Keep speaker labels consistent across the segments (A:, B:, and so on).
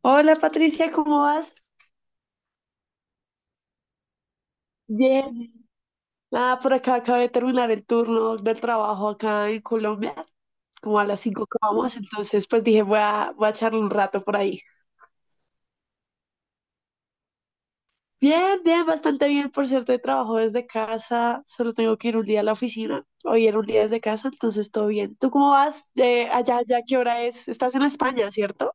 A: Hola Patricia, ¿cómo vas? Bien, nada, por acá acabé de terminar el turno del trabajo acá en Colombia, como a las 5 acabamos, entonces pues dije voy a charlar un rato por ahí. Bien, bien, bastante bien, por cierto, trabajo desde casa, solo tengo que ir un día a la oficina, hoy era un día desde casa, entonces todo bien. ¿Tú cómo vas? Allá, ¿qué hora es? Estás en España, ¿cierto?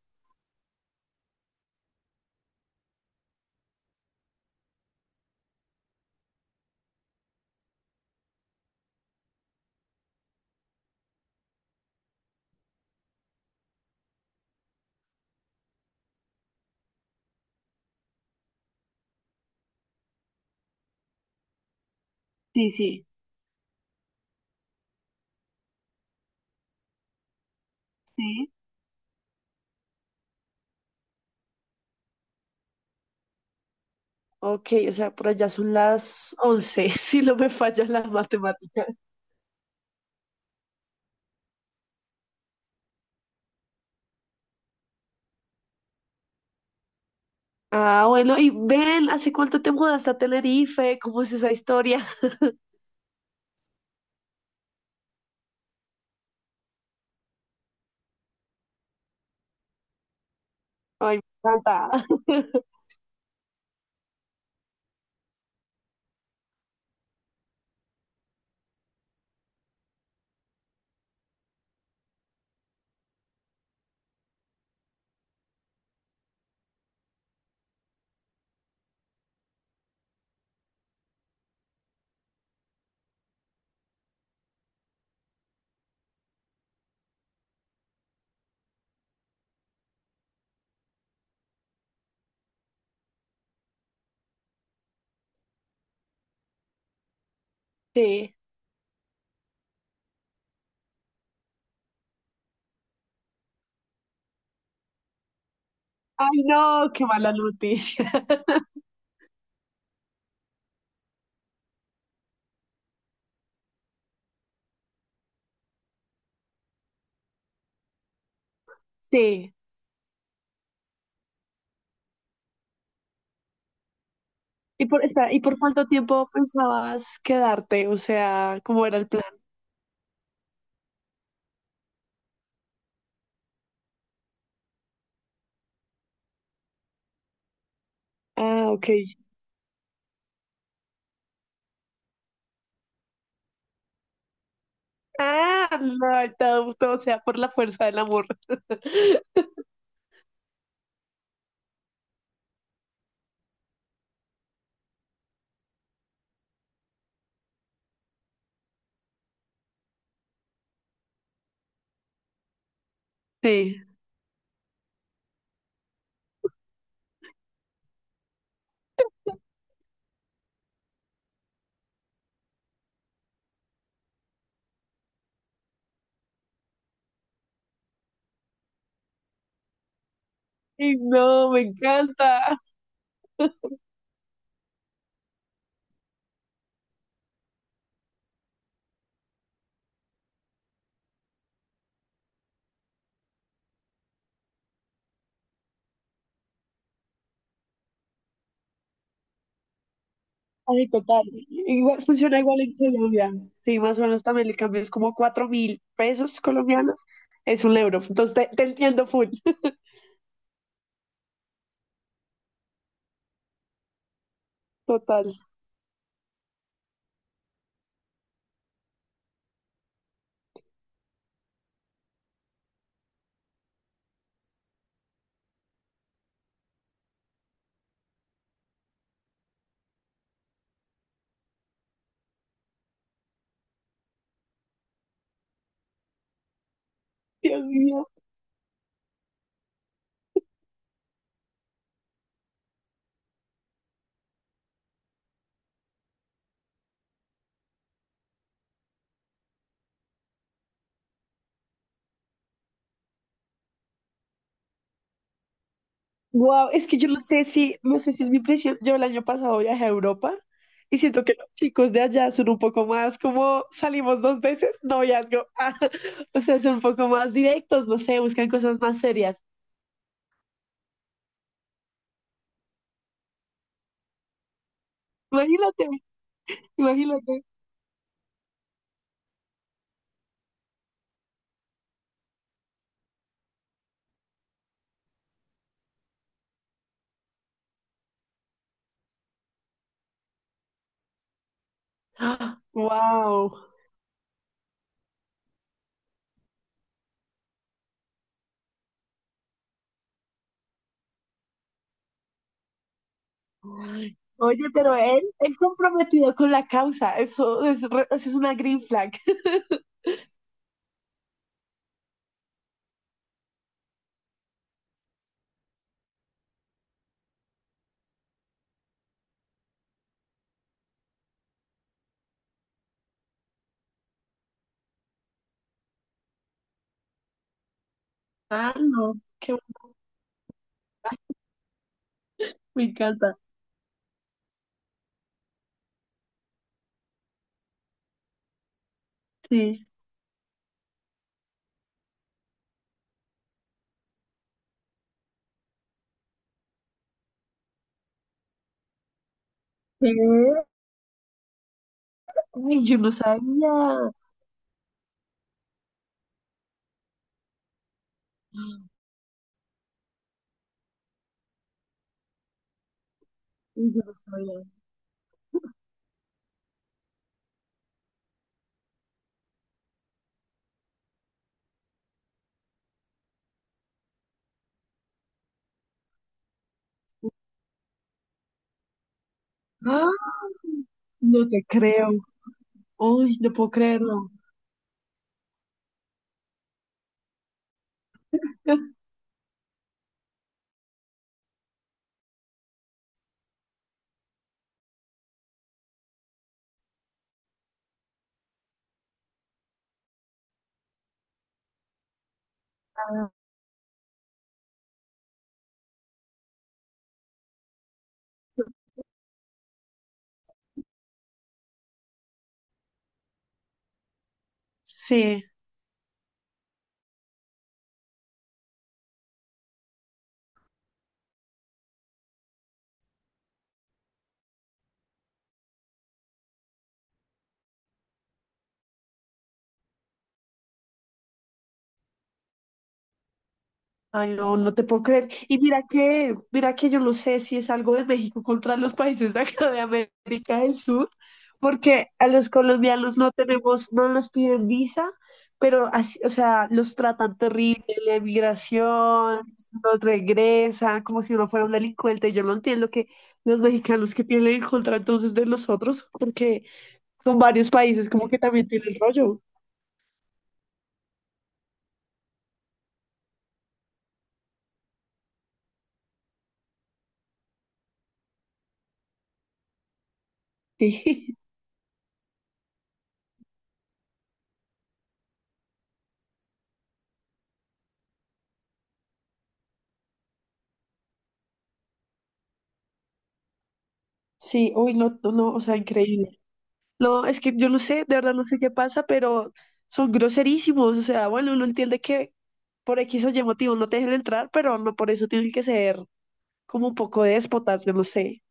A: Sí, sí. Sí. Ok, o sea, por allá son las 11, si no me falla la matemática. Ah, bueno, y ven, ¿hace cuánto te mudaste a Tenerife? ¿Cómo es esa historia? Ay, me encanta. Sí. Ay, no, qué mala noticia. Sí. Espera, ¿y por cuánto tiempo pensabas quedarte? O sea, ¿cómo era el plan? Ah, ok. Ah, no, todo sea por la fuerza del amor. Sí. Ay, no, me encanta. Ay, total. Igual, funciona igual en Colombia. Sí, más o menos también el cambio es como 4.000 pesos colombianos. Es un euro. Entonces te entiendo full. Total. Dios mío. Wow, es que yo no sé si es mi impresión. Yo el año pasado viajé a Europa y siento que los chicos de allá son un poco más como salimos dos veces, noviazgo. Ah, o sea, son un poco más directos, no sé, buscan cosas más serias. Imagínate, imagínate. Wow. Ay, oye, pero él comprometido con la causa, eso es una green flag. Ah, no, qué bueno, me encanta. Sí. ¿Qué? Ay, yo no sabía. Ay, yo no sabía. Ah, no te creo. Uy, no puedo creerlo. Sí. Ay, no, no te puedo creer. Y mira que yo no sé si es algo de México contra los países de acá de América del Sur, porque a los colombianos no tenemos, no nos piden visa, pero así, o sea, los tratan terrible, la emigración, los regresan, como si uno fuera un delincuente. Yo no entiendo que los mexicanos que tienen en contra entonces de nosotros, porque son varios países como que también tienen rollo. Sí, sí, uy, no, no, no, o sea, increíble. No, es que yo no sé, de verdad no sé qué pasa, pero son groserísimos. O sea, bueno, uno entiende que por X o Y motivo no te dejen entrar, pero no por eso tienen que ser como un poco déspotas, yo no sé.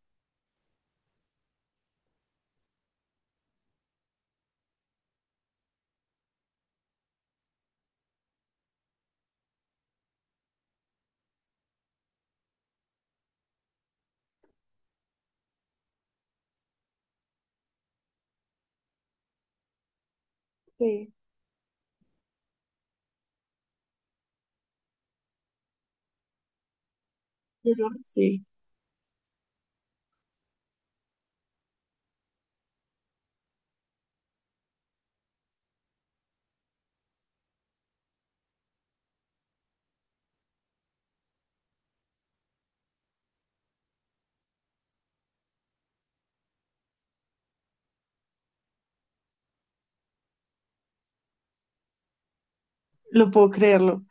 A: Sí, yo no sé, no puedo creerlo.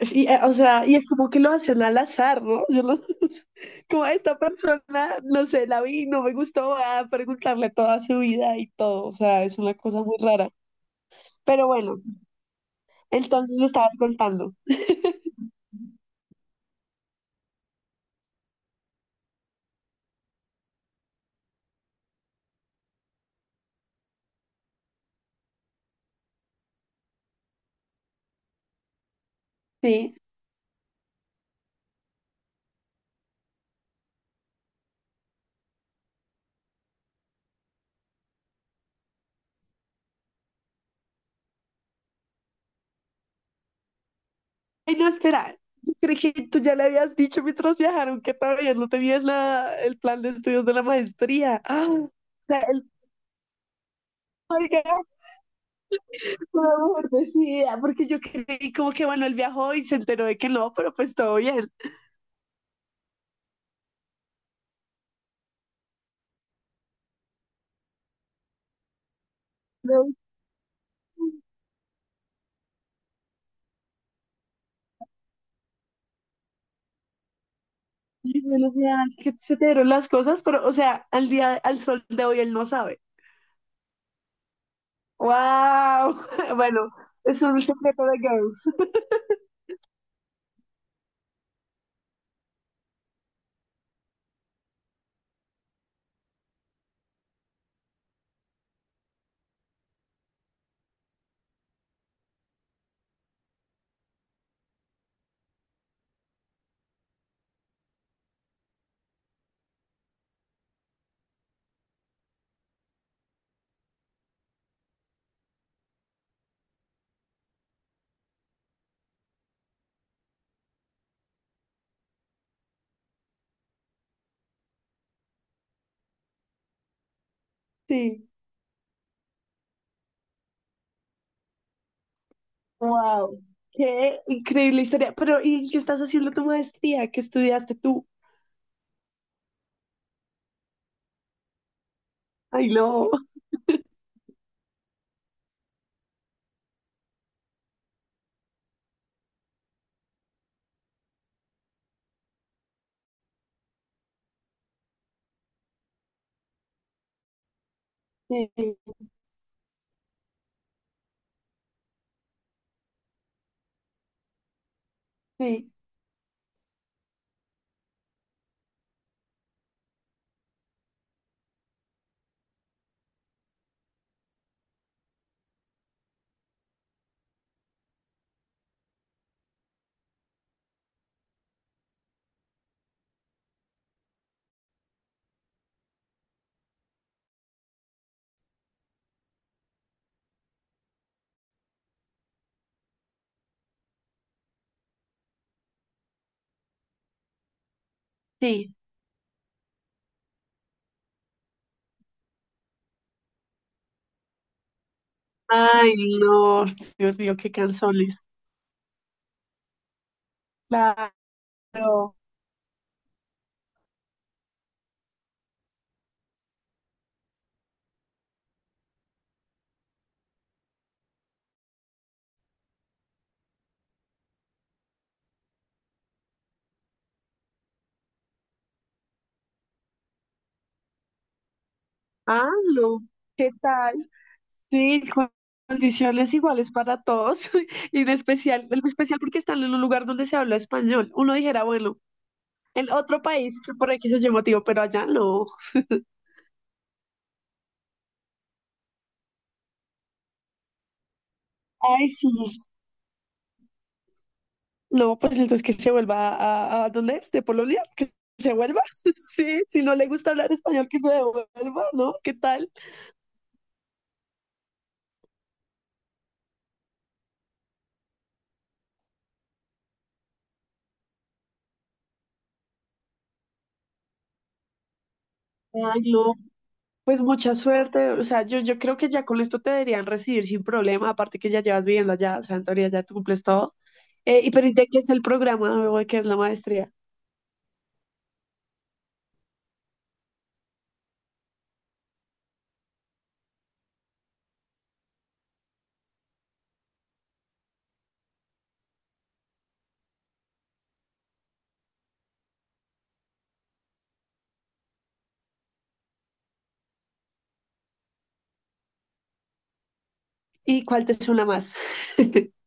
A: Sí, o sea, y es como que lo hacen al azar, ¿no? Yo no- como a esta persona, no sé, la vi, no me gustó, voy a preguntarle toda su vida y todo. O sea, es una cosa muy rara. Pero bueno, entonces me estabas contando. Sí. Ay, no, espera. Yo creí que tú ya le habías dicho mientras viajaron que todavía no tenías el plan de estudios de la maestría. ¡Ah! O sea, oiga, por favor, decida, porque yo creí como que Manuel viajó y se enteró de que no, pero pues todo bien. No, y menos mal que se te dieron las cosas, pero, o sea, al día, al sol de hoy él no sabe. ¡Wow! Bueno, es un secreto de girls. Sí, wow. Qué increíble historia. Pero, ¿y qué estás haciendo tu maestría? ¿Qué estudiaste tú? Ay, no. Sí, sí, sí. Ay, no. Dios mío, qué cansones. Claro. Ah, no. ¿Qué tal? Sí, con condiciones iguales para todos. Y en especial porque están en un lugar donde se habla español. Uno dijera, bueno, en otro país, que por aquí se llama motivo, pero allá no. Ay, sí. No, pues entonces que se vuelva a ¿dónde es? ¿De Polonia? Que se vuelva. Sí, si no le gusta hablar español, que se devuelva, ¿no? ¿Qué tal? Ay, no, pues mucha suerte, o sea, yo creo que ya con esto te deberían recibir sin problema, aparte que ya llevas viviendo allá, o sea, en teoría ya tú cumples todo. Y pero, ¿y de qué es el programa o de qué es la maestría? ¿Y cuál te suena más?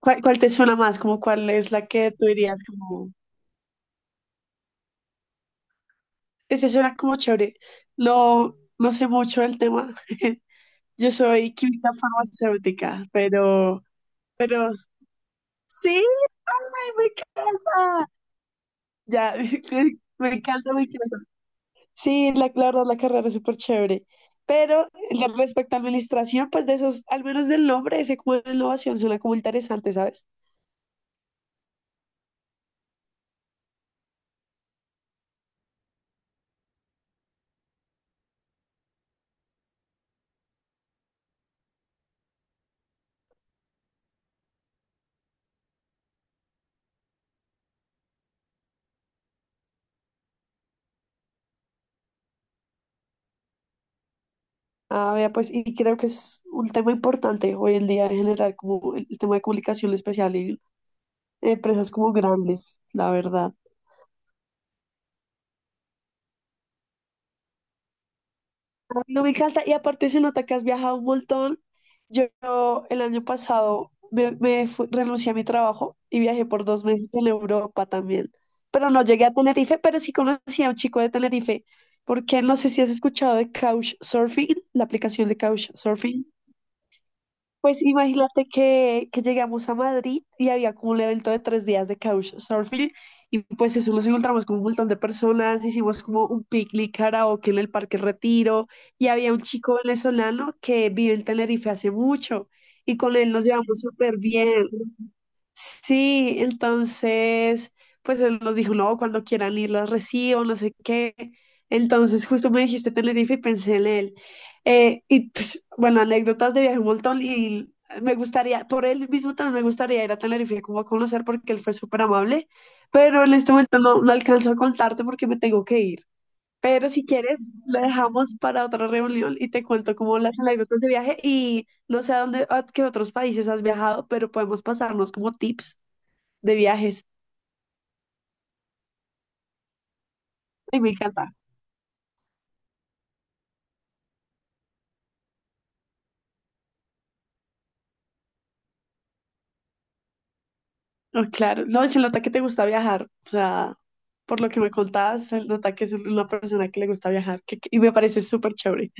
A: ¿Cuál te suena más? Como cuál es la que tú dirías como, ese suena como chévere. No, no sé mucho del tema. Yo soy química farmacéutica, pero sí, ay, me encanta. Ya, me encanta, me encanta. Sí, la verdad, la carrera es súper chévere. Pero respecto a administración, pues de esos, al menos del nombre, ese como de innovación suena como interesante, ¿sabes? Ah, vea, pues, y creo que es un tema importante hoy en día en general, como el tema de comunicación especial en empresas como grandes, la verdad. Ay, no me encanta. Y aparte se nota que has viajado un montón. Yo el año pasado renuncié a mi trabajo y viajé por 2 meses en Europa también. Pero no llegué a Tenerife, pero sí conocí a un chico de Tenerife, porque no sé si has escuchado de Couchsurfing, la aplicación de Couchsurfing. Pues imagínate que llegamos a Madrid y había como un evento de 3 días de couchsurfing y pues eso nos encontramos con un montón de personas, hicimos como un picnic karaoke en el Parque Retiro y había un chico venezolano que vive en Tenerife hace mucho y con él nos llevamos súper bien. Sí, entonces, pues él nos dijo, no, cuando quieran ir las recibo, no sé qué. Entonces, justo me dijiste Tenerife y pensé en él. Y pues, bueno, anécdotas de viaje un montón y me gustaría, por él mismo también me gustaría ir a Tenerife como a conocer porque él fue súper amable, pero en este momento no alcanzo a contarte porque me tengo que ir. Pero si quieres, la dejamos para otra reunión y te cuento como las anécdotas de viaje y no sé a dónde, a qué otros países has viajado, pero podemos pasarnos como tips de viajes. Ay, me encanta. No, claro. No, se nota que te gusta viajar. O sea, por lo que me contabas, se nota que es una persona que le gusta viajar. Y me parece súper chévere.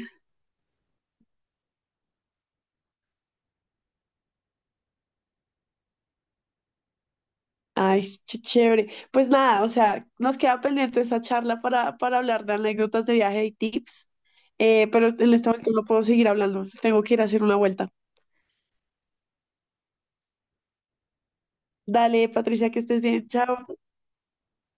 A: Ay, sí, qué chévere. Pues nada, o sea, nos queda pendiente esa charla para hablar de anécdotas de viaje y tips. Pero en este momento no puedo seguir hablando. Tengo que ir a hacer una vuelta. Dale, Patricia, que estés bien. Chao.